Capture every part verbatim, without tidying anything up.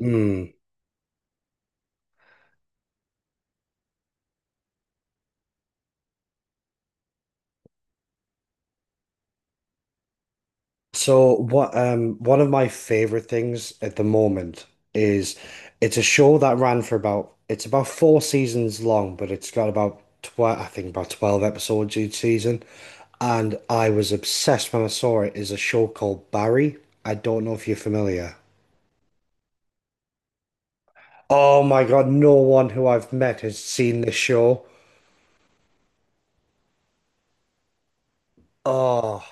Mm. So what um one of my favorite things at the moment is it's a show that ran for about it's about four seasons long, but it's got about twelve. I think about twelve episodes each season. And I was obsessed when I saw It is a show called Barry. I don't know if you're familiar. Oh my God, no one who I've met has seen this show. Oh,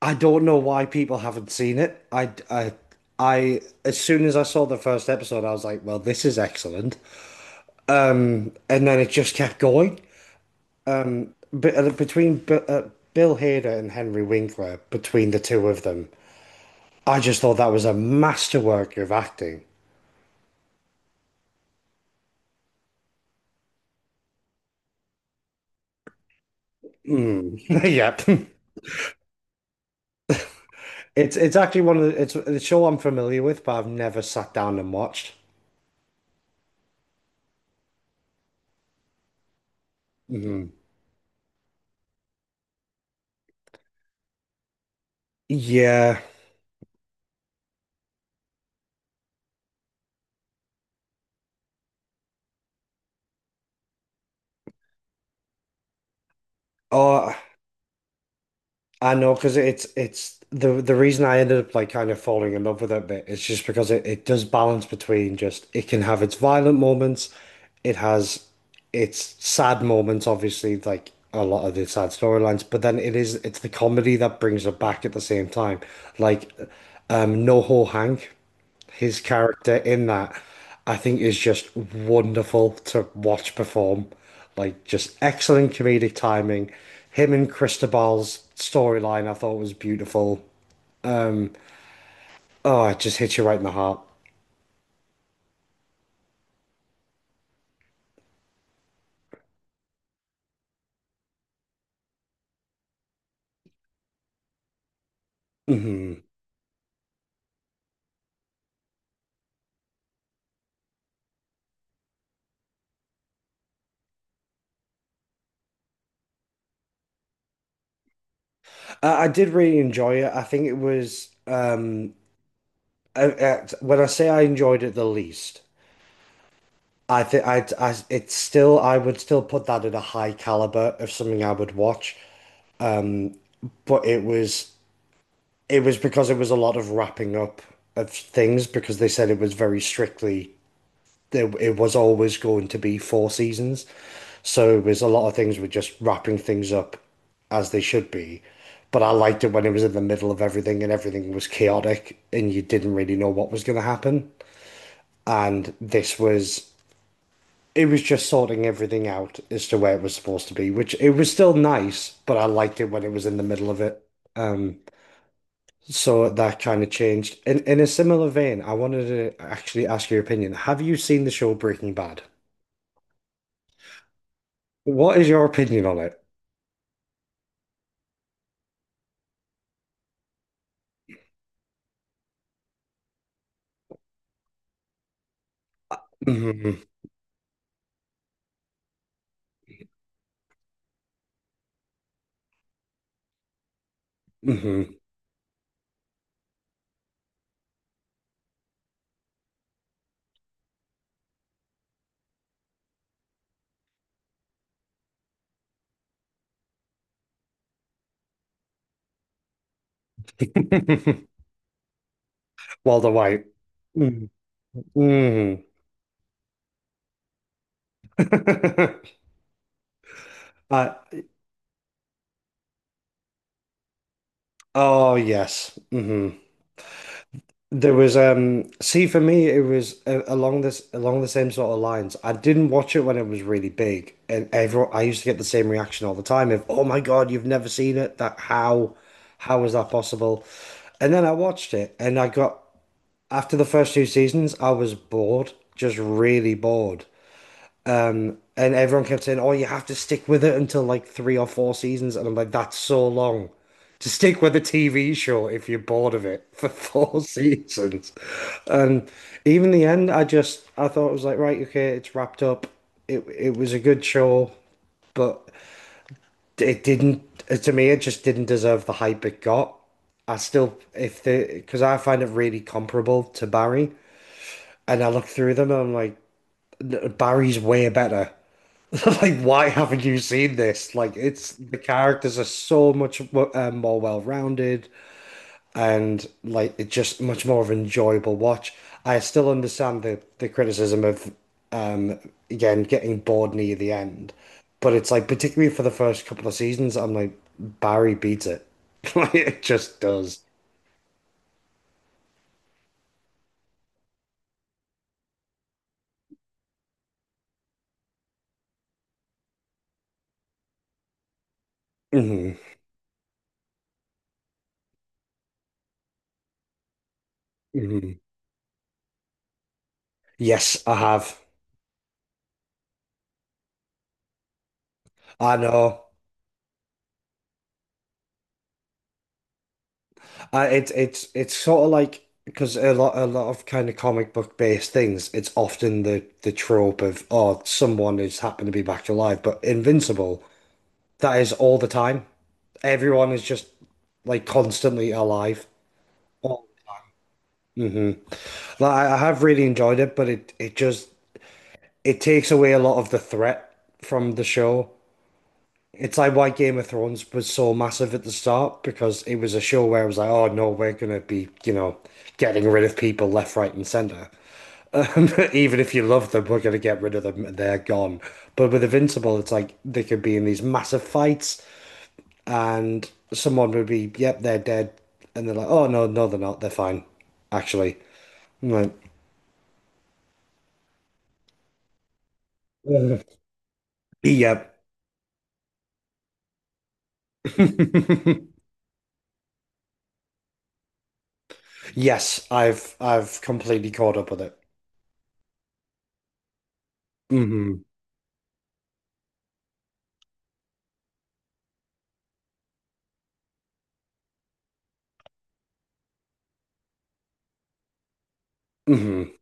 I don't know why people haven't seen it. I, I, I, as soon as I saw the first episode, I was like, well, this is excellent. Um, and then it just kept going. But uh, between B- uh, Bill Hader and Henry Winkler, between the two of them, I just thought that was a masterwork of acting. Mm. Yep. It's it's actually one of the, it's the show I'm familiar with, but I've never sat down and watched. Mhm. Yeah. Oh, I know, because it's it's the the reason I ended up like kind of falling in love with it a bit is just because it, it does balance between just it can have its violent moments, it has its sad moments, obviously, like a lot of the sad storylines, but then it is it's the comedy that brings it back at the same time. Like um No Ho Hank. His character in that, I think, is just wonderful to watch perform. Like, just excellent comedic timing. Him and Cristobal's storyline, I thought was beautiful. Oh, it just hits you right in the heart. Hmm. I, I did really enjoy it. I think it was um, uh, uh, when I say I enjoyed it the least, I think I, I it's still I would still put that at a high caliber of something I would watch. Um, But it was It was because it was a lot of wrapping up of things, because they said it was very strictly it, it was always going to be four seasons. So it was a lot of things were just wrapping things up as they should be. But I liked it when it was in the middle of everything and everything was chaotic and you didn't really know what was going to happen. And this was it was just sorting everything out as to where it was supposed to be, which it was still nice, but I liked it when it was in the middle of it. Um, So that kind of changed. In in a similar vein, I wanted to actually ask your opinion. Have you seen the show Breaking Bad? What is your opinion on it? Hmm. Hmm. Walter White. Mm-hmm. Uh, oh yes. Mm-hmm. There was um see, for me it was uh, along this along the same sort of lines. I didn't watch it when it was really big, and everyone, I used to get the same reaction all the time of "Oh my God, you've never seen it! That, how how is that possible?" And then I watched it, and I got after the first two seasons, I was bored, just really bored. And everyone kept saying, "Oh, you have to stick with it until like three or four seasons," and I'm like, "That's so long. To stick with a T V show if you're bored of it for four seasons." And even the end, I just I thought it was like, right, okay, it's wrapped up. It it was a good show, but it didn't uh, to me, it just didn't deserve the hype it got. I still, if the because I find it really comparable to Barry, and I look through them and I'm like, Barry's way better. Like, why haven't you seen this? Like, it's the characters are so much uh, more well-rounded. And like it's just much more of an enjoyable watch. I still understand the the criticism of um again getting bored near the end, but it's like particularly for the first couple of seasons, I'm like Barry beats it. Like it just does. Hmm. Hmm. Yes, I have. I know. I It's it's it's sort of like because a lot a lot of kind of comic book based things, it's often the the trope of oh someone has happened to be back alive, but Invincible, that is all the time. Everyone is just like constantly alive. Oh. Hmm. Like I I have really enjoyed it, but it it just it takes away a lot of the threat from the show. It's like why Game of Thrones was so massive at the start, because it was a show where it was like, oh no, we're gonna be, you know, getting rid of people left, right, and center. Um, even if you love them, we're gonna get rid of them and they're gone. But with Invincible, it's like they could be in these massive fights and someone would be, yep, they're dead. And they're like, oh, no, no, they're not. They're fine, actually. I'm like, "Ugh, yep." Yes, I've I've completely caught up with it. Hmm. Hmm.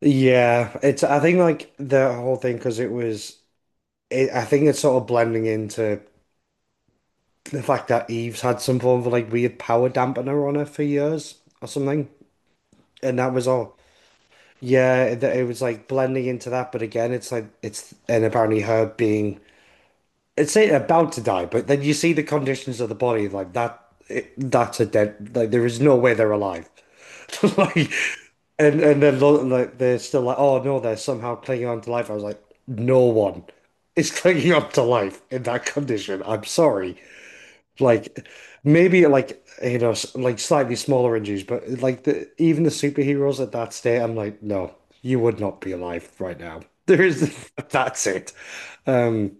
Yeah, it's I think like the whole thing, because it was it, I think it's sort of blending into the fact that Eve's had some form of like weird power dampener on her for years or something, and that was all. Yeah, it, it was like blending into that, but again, it's like it's and apparently her being it's say about to die, but then you see the conditions of the body like that. It, that's a dead. Like there is no way they're alive. Like and and then lo- like they're still like, oh no, they're somehow clinging on to life. I was like, no one is clinging on to life in that condition. I'm sorry. Like maybe like you know s- like slightly smaller injuries, but like the even the superheroes at that state, I'm like, no, you would not be alive right now. There is that's it. Um,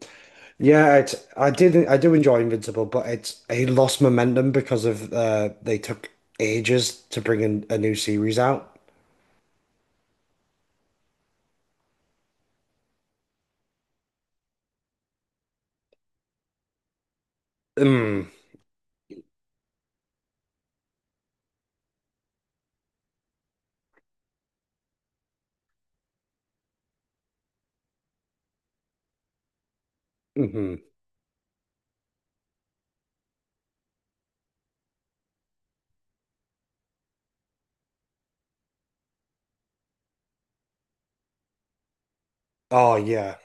yeah, it's I did I do enjoy Invincible, but it's it lost momentum because of uh they took ages to bring in a new series out. Mm. Hmm. Oh yeah,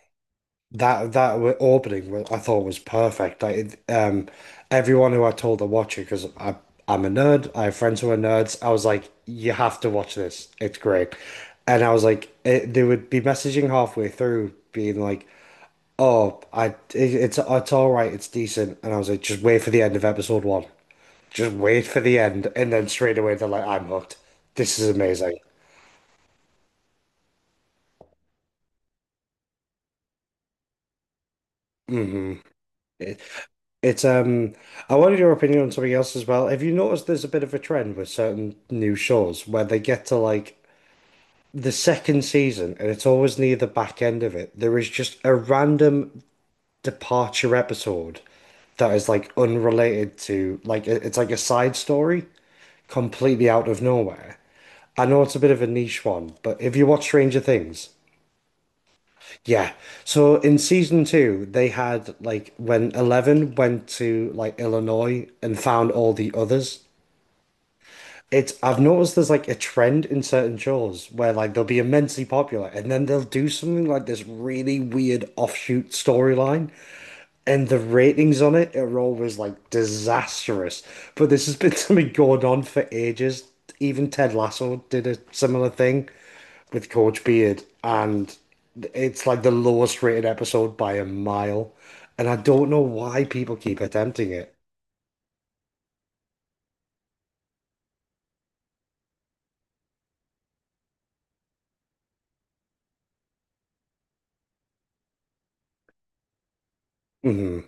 that that w- opening wa- I thought was perfect. I it, um everyone who I told to watch it, because I I'm a nerd. I have friends who are nerds. I was like, you have to watch this. It's great. And I was like, it, they would be messaging halfway through, being like, oh, I it- it's it's all right. It's decent. And I was like, just wait for the end of episode one. Just wait for the end, and then straight away they're like, I'm hooked. This is amazing. Hmm. It, it's um. I wanted your opinion on something else as well. Have you noticed there's a bit of a trend with certain new shows where they get to like the second season, and it's always near the back end of it. There is just a random departure episode that is like unrelated to like it- it's like a side story completely out of nowhere. I know it's a bit of a niche one, but if you watch Stranger Things, yeah. So in season two, they had like when Eleven went to like Illinois and found all the others. It's I've noticed there's like a trend in certain shows where like they'll be immensely popular and then they'll do something like this really weird offshoot storyline. And the ratings on it are always like disastrous. But this has been something going on for ages. Even Ted Lasso did a similar thing with Coach Beard, and it's like the lowest rated episode by a mile. And I don't know why people keep attempting it. Hmm.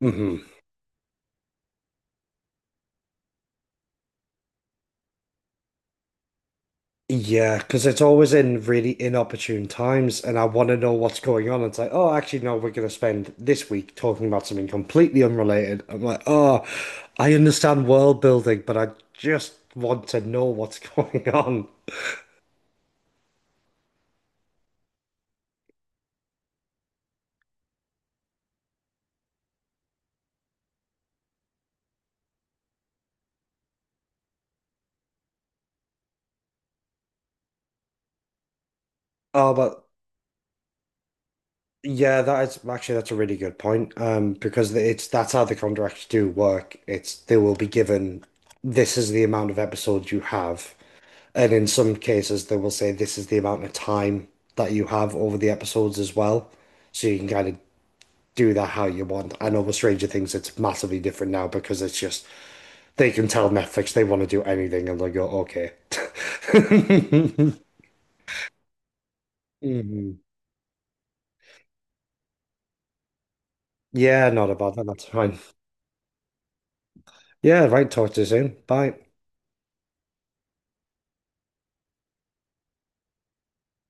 Hmm. Yeah, because it's always in really inopportune times, and I want to know what's going on. It's like, oh, actually, no, we're going to spend this week talking about something completely unrelated. I'm like, oh, I understand world building, but I just want to know what's going on. Oh, but yeah, that is actually that's a really good point. Um, because it's that's how the contracts do work. It's They will be given this is the amount of episodes you have. And in some cases, they will say this is the amount of time that you have over the episodes as well. So you can kind of do that how you want. I know with Stranger Things, it's massively different now, because it's just they can tell Netflix they want to do anything and they go, okay. Mhm. Yeah, not about that. That's fine. Yeah, right. Talk to you soon. Bye.